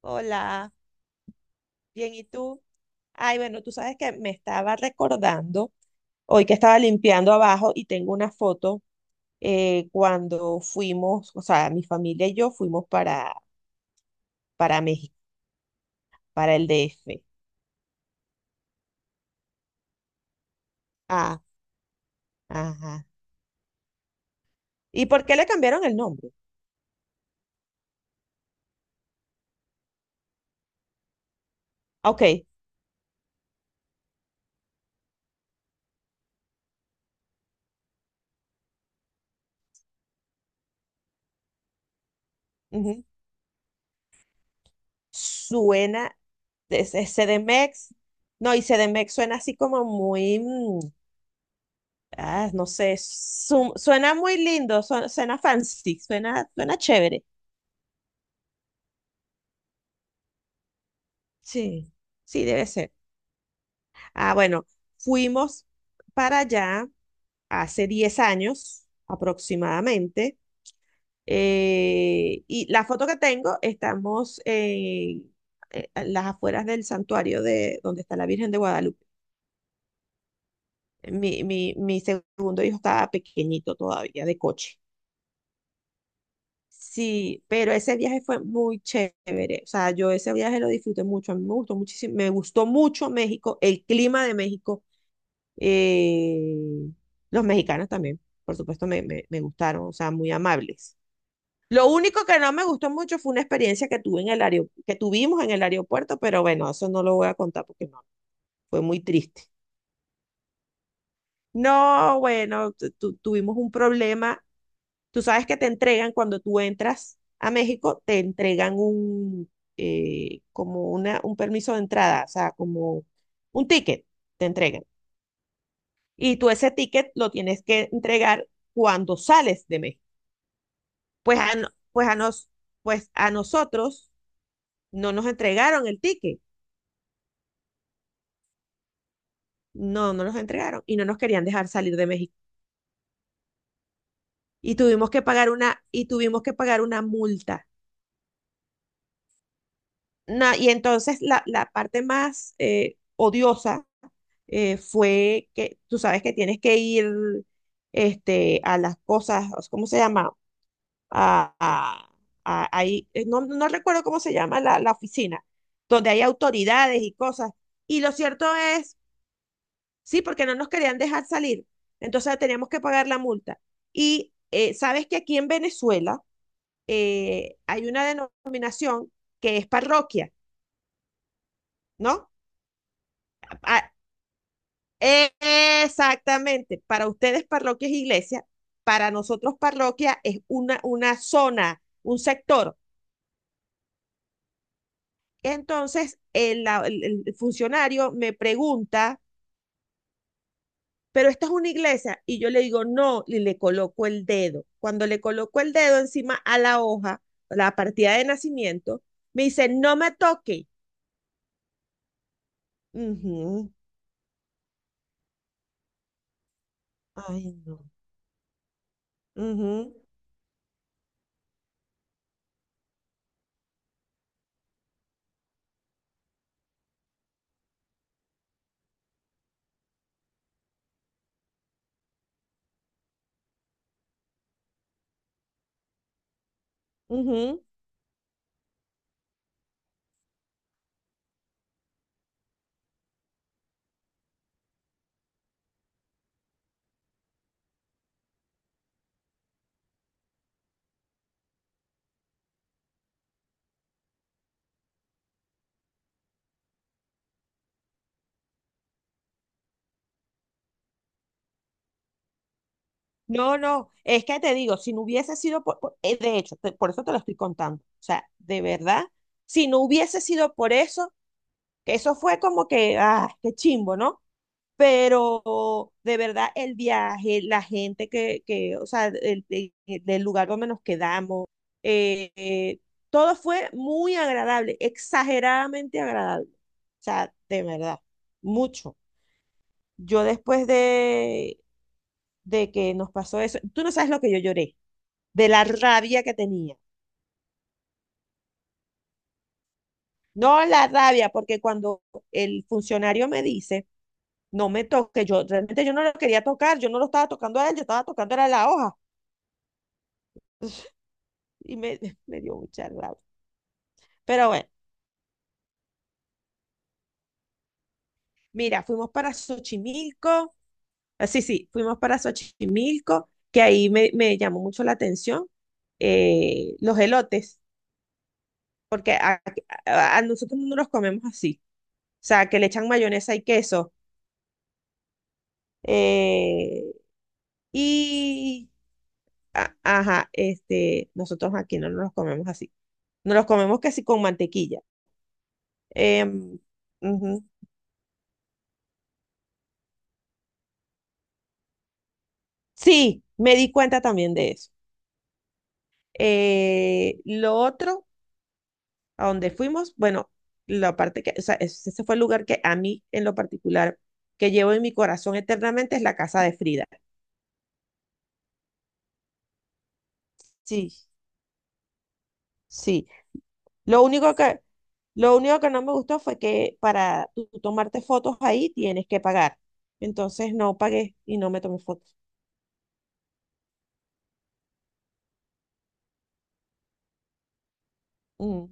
Hola, bien, ¿y tú? Ay, bueno, tú sabes que me estaba recordando hoy que estaba limpiando abajo y tengo una foto cuando fuimos, o sea, mi familia y yo fuimos para México, para el DF. Ah, ajá. ¿Y por qué le cambiaron el nombre? Ah, ok, ujú. Suena, es CDMX. No, y CDMX suena así como muy, ah, no sé, suena muy lindo, suena fancy, suena chévere. Sí, sí, debe ser. Ah, bueno, fuimos para allá hace 10 años aproximadamente. Y la foto que tengo, estamos en, a las afueras del santuario de donde está la Virgen de Guadalupe. Mi segundo hijo estaba pequeñito todavía, de coche. Sí, pero ese viaje fue muy chévere. O sea, yo ese viaje lo disfruté mucho. A mí me gustó muchísimo, me gustó mucho México, el clima de México. Eh, los mexicanos también, por supuesto, me gustaron, o sea, muy amables. Lo único que no me gustó mucho fue una experiencia que tuvimos en el aeropuerto, pero bueno, eso no lo voy a contar porque no, fue muy triste. No, bueno, tuvimos un problema. Tú sabes que te entregan cuando tú entras a México, te entregan un, como un permiso de entrada, o sea, como un ticket, te entregan. Y tú ese ticket lo tienes que entregar cuando sales de México. Pues a, no- pues a, nos, pues a nosotros no nos entregaron el ticket. No, no nos entregaron y no nos querían dejar salir de México. Y tuvimos que pagar una multa. No, y entonces la parte más odiosa, fue que tú sabes que tienes que ir este, a las cosas. ¿Cómo se llama? a, a- ahí, no, no recuerdo cómo se llama la oficina, donde hay autoridades y cosas. Y lo cierto es, sí, porque no nos querían dejar salir, entonces teníamos que pagar la multa. Y sabes que aquí en Venezuela hay una denominación que es parroquia, ¿no? A- e- Exactamente, para ustedes parroquia es iglesia, para nosotros parroquia es una zona, un sector. Entonces, el funcionario me pregunta, ¿pero esta es una iglesia? Y yo le digo, no, y le coloco el dedo. Cuando le coloco el dedo encima a la hoja, la partida de nacimiento, me dice, no me toque. Ujú. Ay, no. Ujú, ujú. No, no, es que te digo, si no hubiese sido de hecho, por eso te lo estoy contando. O sea, de verdad, si no hubiese sido por eso, que eso fue como que, ah, qué chimbo, ¿no? Pero de verdad el viaje, la gente que o sea, del lugar donde nos quedamos, eh, eh, todo fue muy agradable, exageradamente agradable. O sea, de verdad, mucho. Yo después de que nos pasó eso, tú no sabes lo que yo lloré, de la rabia que tenía. No la rabia, porque cuando el funcionario me dice, no me toque, yo realmente yo no lo quería tocar, yo no lo estaba tocando a él, yo estaba tocando era la hoja. Y me, me dio mucha rabia. Pero bueno, mira, fuimos para Xochimilco. Ah, sí, sí, fuimos para Xochimilco, que ahí me llamó mucho la atención los elotes, porque a nosotros no los comemos así, o sea, que le echan mayonesa y queso. eh, y, ajá, este, nosotros aquí no nos los comemos así, nos los comemos casi con mantequilla. em, Ujú. Sí, me di cuenta también de eso. Lo otro, a donde fuimos, bueno, la parte que, o sea, ese fue el lugar que a mí en lo particular, que llevo en mi corazón eternamente, es la casa de Frida. Sí, sí. Lo único que, lo único que no me gustó fue que para tú tomarte fotos ahí tienes que pagar. Entonces no pagué y no me tomé fotos. Mm.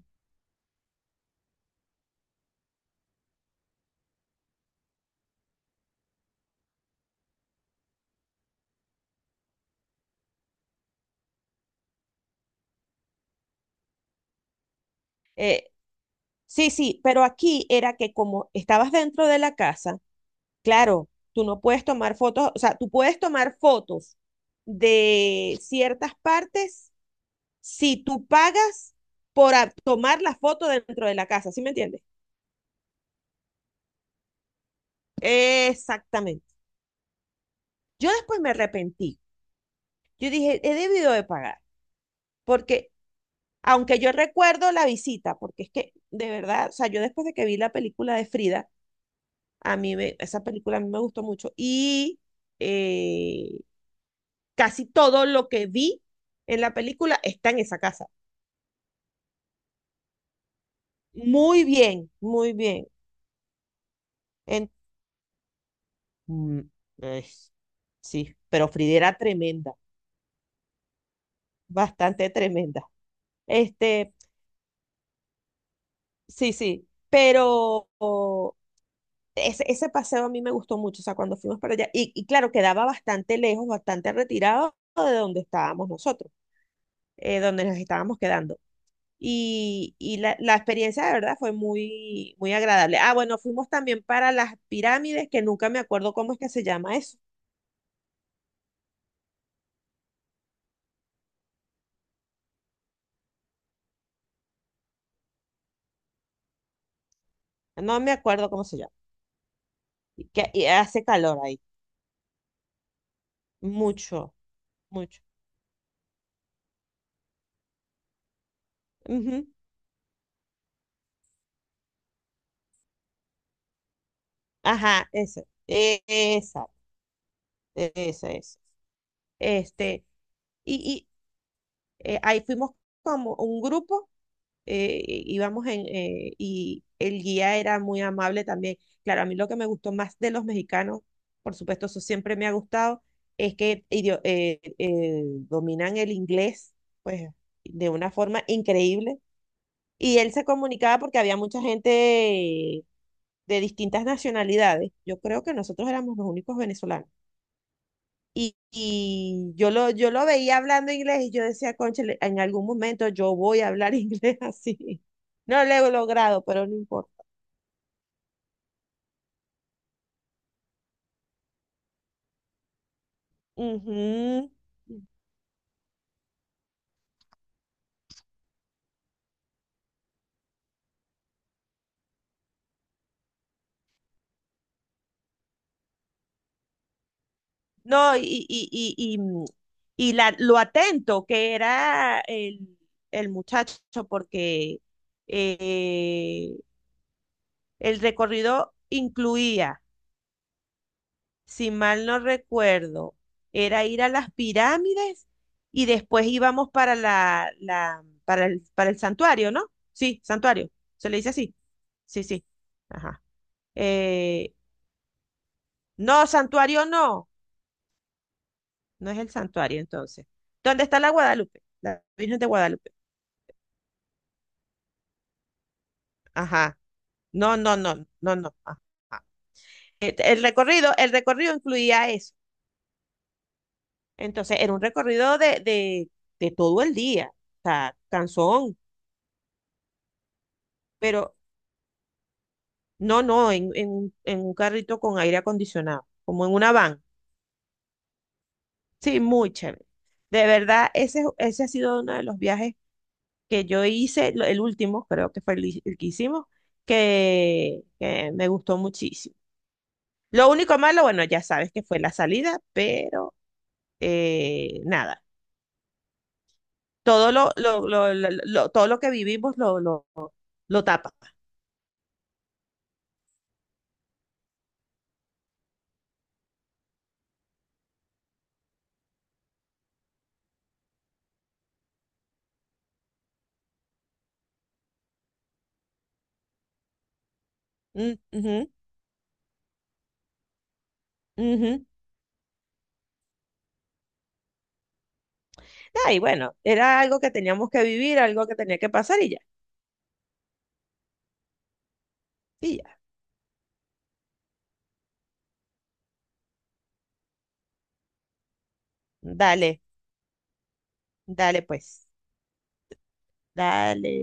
Eh, sí, sí, pero aquí era que como estabas dentro de la casa. Claro, tú no puedes tomar fotos, o sea, tú puedes tomar fotos de ciertas partes si tú pagas por tomar la foto dentro de la casa, ¿sí me entiendes? Exactamente. Yo después me arrepentí. Yo dije, he debido de pagar, porque aunque yo recuerdo la visita, porque es que de verdad, o sea, yo después de que vi la película de Frida, esa película a mí me gustó mucho y eh, casi todo lo que vi en la película está en esa casa. Muy bien, muy bien. En- mm, eh, sí, pero Frida era tremenda, bastante tremenda. Este, sí, sí, pero oh, ese paseo a mí me gustó mucho, o sea, cuando fuimos para allá, y claro, quedaba bastante lejos, bastante retirado de donde estábamos nosotros, donde nos estábamos quedando. Y la experiencia de verdad fue muy, muy agradable. Ah, bueno, fuimos también para las pirámides, que nunca me acuerdo cómo es que se llama eso. No me acuerdo cómo se llama. Y que y hace calor ahí. Mucho, mucho. Ujú. Ajá, esa. Esa, esa, esa. Este, y, y ahí fuimos como un grupo, íbamos y el guía era muy amable también. Claro, a mí lo que me gustó más de los mexicanos, por supuesto, eso siempre me ha gustado, es que dominan el inglés, pues, de una forma increíble. Y él se comunicaba porque había mucha gente de distintas nacionalidades. Yo creo que nosotros éramos los únicos venezolanos. Y yo lo veía hablando inglés y yo decía, cónchale. En algún momento yo voy a hablar inglés así. No lo he logrado, pero no importa. Ujú. No, lo atento que era el muchacho, porque eh, el recorrido incluía si mal no recuerdo, era ir a las pirámides y después íbamos para para el santuario, ¿no? Sí, santuario, se le dice así. Sí, sí. Ajá. Eh, no, santuario no, no es el santuario entonces. ¿Dónde está la Guadalupe? La Virgen de Guadalupe. Ajá. No, no, no, no, no. Ajá. El recorrido incluía eso. Entonces, era un recorrido de todo el día, o sea, cansón, pero no, no, en un carrito con aire acondicionado, como en una van. Sí, muy chévere. De verdad, ese ha sido uno de los viajes que yo hice, el último, creo que fue el que hicimos, que me gustó muchísimo. Lo único malo, bueno, ya sabes que fue la salida, pero nada, todo lo que vivimos lo tapa. Mm, ujú, ujú. Ah, y bueno, era algo que teníamos que vivir, algo que tenía que pasar y ya. Y ya. Dale. Dale pues, dale.